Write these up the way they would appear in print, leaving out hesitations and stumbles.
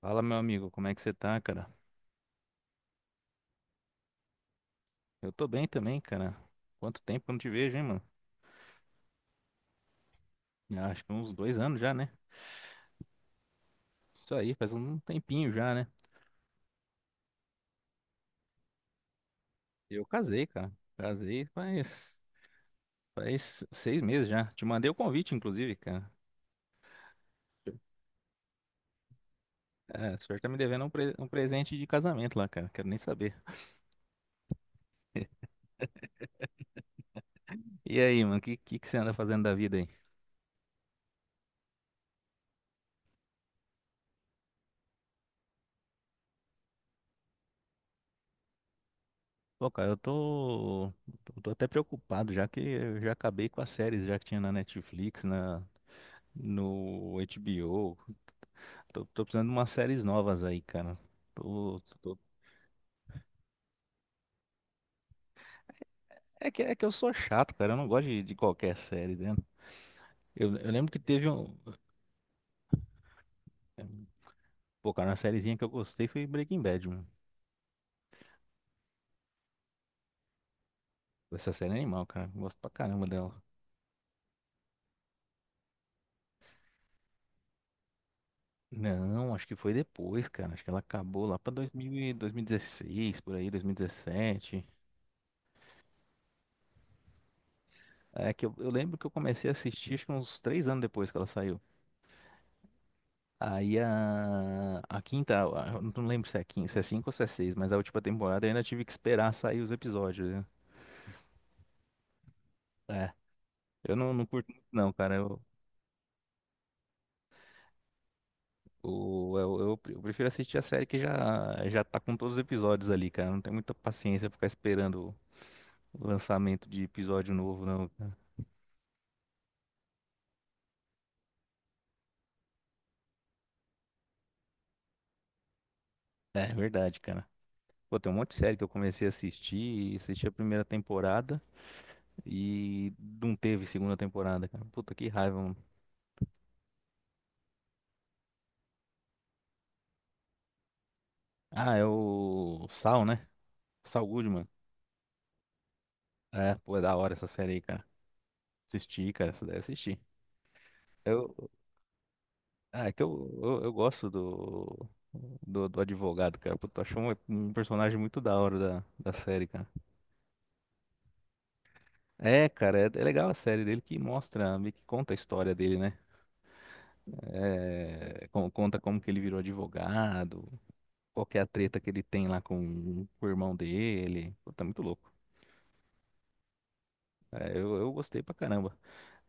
Fala, meu amigo, como é que você tá, cara? Eu tô bem também, cara. Quanto tempo que eu não te vejo, hein, mano? Já, acho que uns 2 anos já, né? Isso aí, faz um tempinho já, né? Eu casei, cara. Casei faz 6 meses já. Te mandei o convite, inclusive, cara. É, o senhor tá me devendo um presente de casamento lá, cara. Quero nem saber. E aí, mano, o que você anda fazendo da vida aí? Pô, cara, eu tô até preocupado, já que eu já acabei com as séries já que tinha na Netflix, no HBO. Tô precisando de umas séries novas aí, cara. Tô- tô- é que eu sou chato, cara. Eu não gosto de qualquer série, né? Eu lembro que teve um. Pô, cara, uma sériezinha que eu gostei foi Breaking Bad, mano. Essa série é animal, cara. Eu gosto pra caramba dela. Não, acho que foi depois, cara. Acho que ela acabou lá pra 2000, e 2016, por aí, 2017. É que eu lembro que eu comecei a assistir, acho que uns 3 anos depois que ela saiu. Aí a quinta, eu não lembro se é quinta, se é cinco ou se é seis, mas a última temporada eu ainda tive que esperar sair os episódios, né? É, eu não curto muito não, cara. Eu, o- eu, eu, pre- eu prefiro assistir a série que já tá com todos os episódios ali, cara. Eu não tenho muita paciência pra ficar esperando o lançamento de episódio novo, não. cara. É verdade, cara. Pô, tem um monte de série que eu comecei a assistir, e assisti a primeira temporada e não teve segunda temporada, cara. Puta que raiva, mano. Ah, é o Sal, né? Saul Goodman. É, pô, é da hora essa série aí, cara. Assisti, cara, essa daí eu assisti. Eu, é que eu gosto do advogado, cara. Puta, eu acho um personagem muito da hora da série, cara. É, cara, é legal a série dele que mostra, meio que conta a história dele, né? É, conta como que ele virou advogado, qual que é a treta que ele tem lá com o irmão dele. Puta, é muito louco. É, eu gostei pra caramba.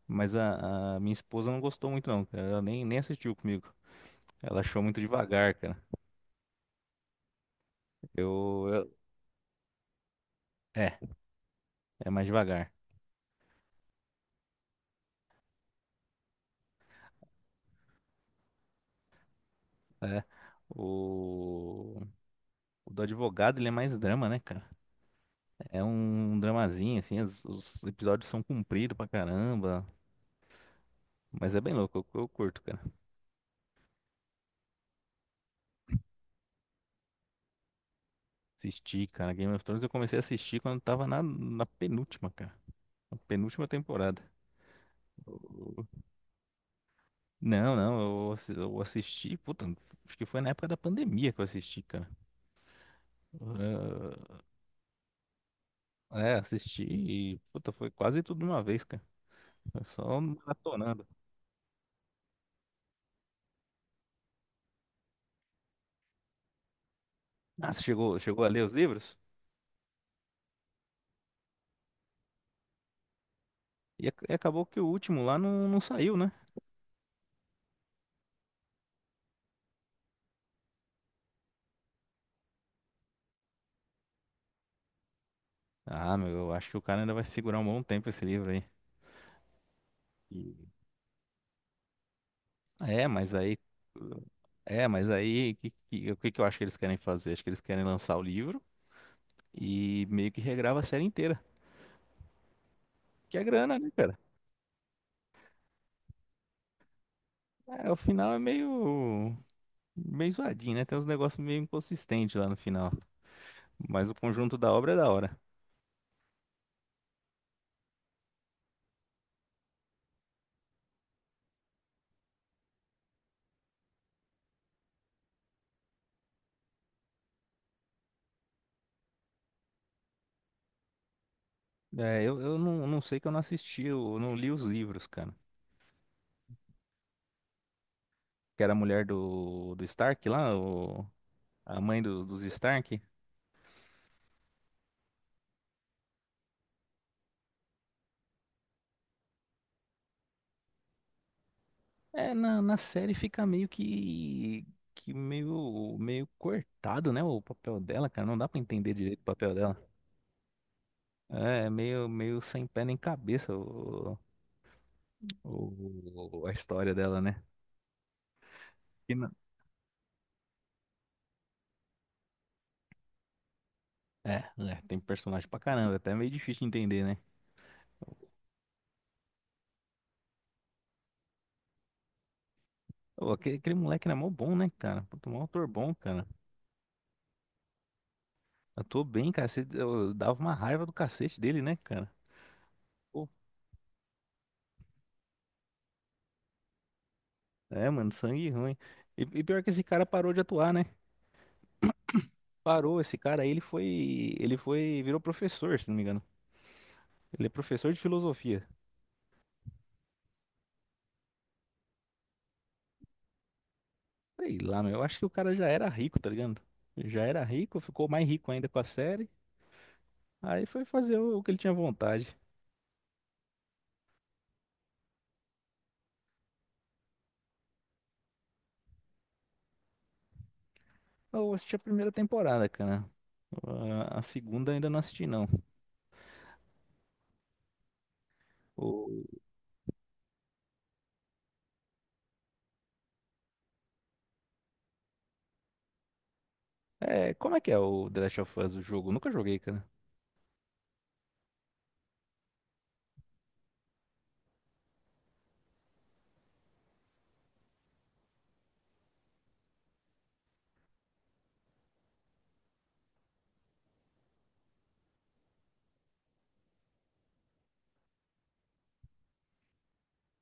Mas a minha esposa não gostou muito, não, cara. Ela nem assistiu comigo. Ela achou muito devagar, cara. Eu, eu- é, é mais devagar. É. O, o do advogado, ele é mais drama, né, cara? É um dramazinho, assim, os episódios são compridos pra caramba. Mas é bem louco, eu curto, cara. Assisti, cara. Game of Thrones eu comecei a assistir quando tava na penúltima, cara. Na penúltima temporada. Eu- Não, não, eu assisti, puta, acho que foi na época da pandemia que eu assisti, cara. Ah, é, assisti, e, puta, foi quase tudo de uma vez, cara. Foi só maratonando. Ah, você chegou a ler os livros? E, acabou que o último lá não saiu, né? Ah, meu, eu acho que o cara ainda vai segurar um bom tempo esse livro aí. E- É, mas aí. É, mas aí, o que eu acho que eles querem fazer? Acho que eles querem lançar o livro e meio que regrava a série inteira. Que é grana, né, cara? É, o final é meio zoadinho, né? Tem uns negócios meio inconsistentes lá no final. Mas o conjunto da obra é da hora. É, eu não sei que eu não assisti, eu não li os livros, cara. Que era a mulher do Stark lá, a mãe dos Stark. É, na série fica meio que meio cortado, né, o papel dela, cara. Não dá pra entender direito o papel dela. É meio sem pé nem cabeça a história dela, né? E não- É, Tem personagem pra caramba, até é meio difícil de entender, né? Ô, aquele moleque era mó bom, né, cara? Puta, mó ator bom, cara. Atuou bem, cara. Eu dava uma raiva do cacete dele, né, cara? É, mano, sangue ruim. E pior que esse cara parou de atuar, né? Parou, esse cara aí, ele foi, virou professor, se não me engano. Ele é professor de filosofia. Sei lá, meu, eu acho que o cara já era rico, tá ligado? Já era rico, ficou mais rico ainda com a série. Aí foi fazer o que ele tinha vontade. Eu assisti a primeira temporada, cara. A segunda ainda não assisti, não. O, Como é que é o The Last of Us, o jogo? Nunca joguei, cara.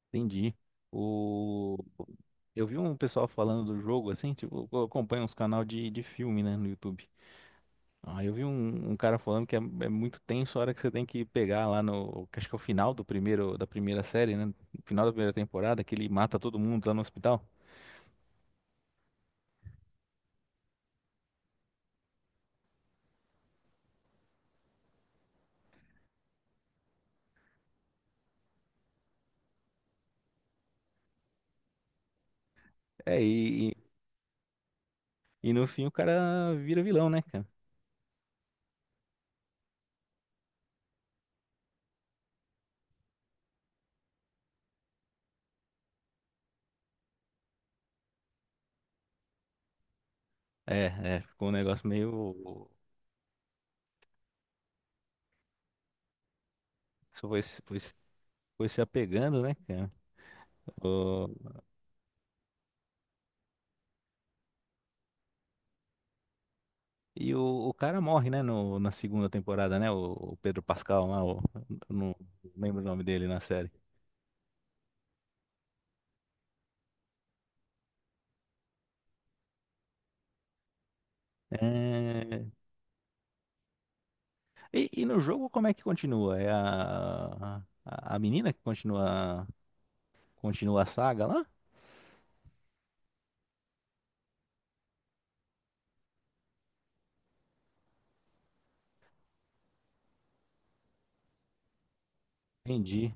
Entendi. O... Eu vi um pessoal falando do jogo, assim, tipo, eu acompanho uns canal de filme, né, no YouTube. Ah, eu vi um cara falando que é muito tenso a hora que você tem que pegar lá no, que acho que é o final do primeiro, da primeira série, né, no final da primeira temporada, que ele mata todo mundo lá no hospital. É, e no fim o cara vira vilão, né, cara? É, é, ficou um negócio meio... Isso foi se apegando, né, cara? E o cara morre, né, no, na segunda temporada, né? O Pedro Pascal lá, eu não lembro o nome dele na série. É, e no jogo como é que continua? É a menina que continua a saga lá? Entendi,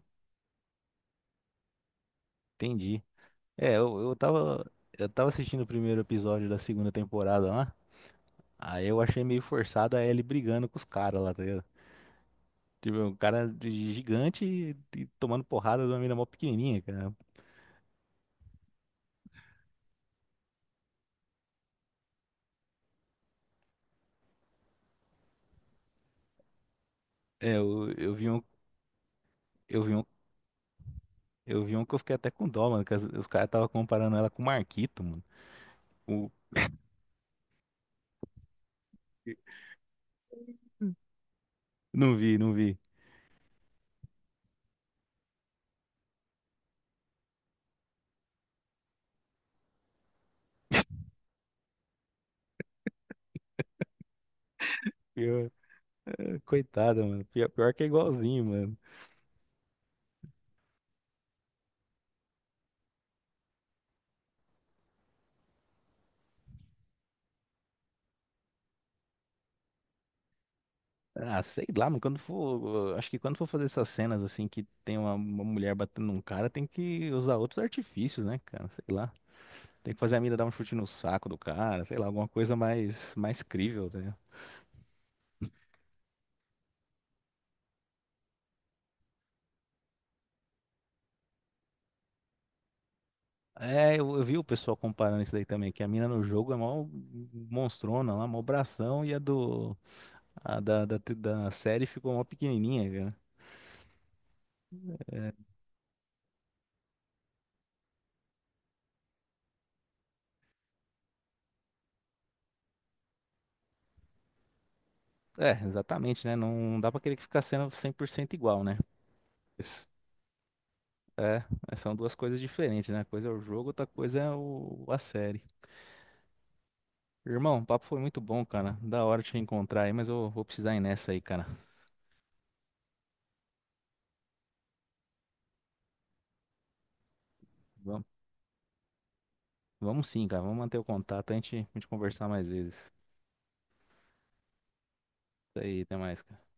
entendi. É, eu tava assistindo o primeiro episódio da segunda temporada lá. Aí eu achei meio forçado a Ellie brigando com os caras lá, tá ligado? Tipo, é um cara de gigante e tomando porrada de uma menina mó pequenininha, cara. É, eu vi um. Eu vi um Eu vi um que eu fiquei até com dó, mano, que os caras estavam comparando ela com o Marquito, mano. O- Não vi, não vi. Pior- Coitada, mano. Pior que é igualzinho, mano. Ah, sei lá, mano. Quando for. Acho que quando for fazer essas cenas assim que tem uma mulher batendo num cara, tem que usar outros artifícios, né, cara? Sei lá. Tem que fazer a mina dar um chute no saco do cara, sei lá, alguma coisa mais crível, né? É, eu vi o pessoal comparando isso daí também, que a mina no jogo é mó monstrona lá, mó bração, e a da série ficou mó pequenininha, cara. É, exatamente, né? Não dá pra querer que ficar sendo 100% igual, né? Mas, é, mas são duas coisas diferentes, né? Uma coisa é o jogo, outra coisa é a série. Irmão, o papo foi muito bom, cara. Da hora te encontrar aí, mas eu vou precisar ir nessa aí, cara. Vamos, vamos sim, cara. Vamos manter o contato, a gente conversar mais vezes. Isso aí, até mais, cara.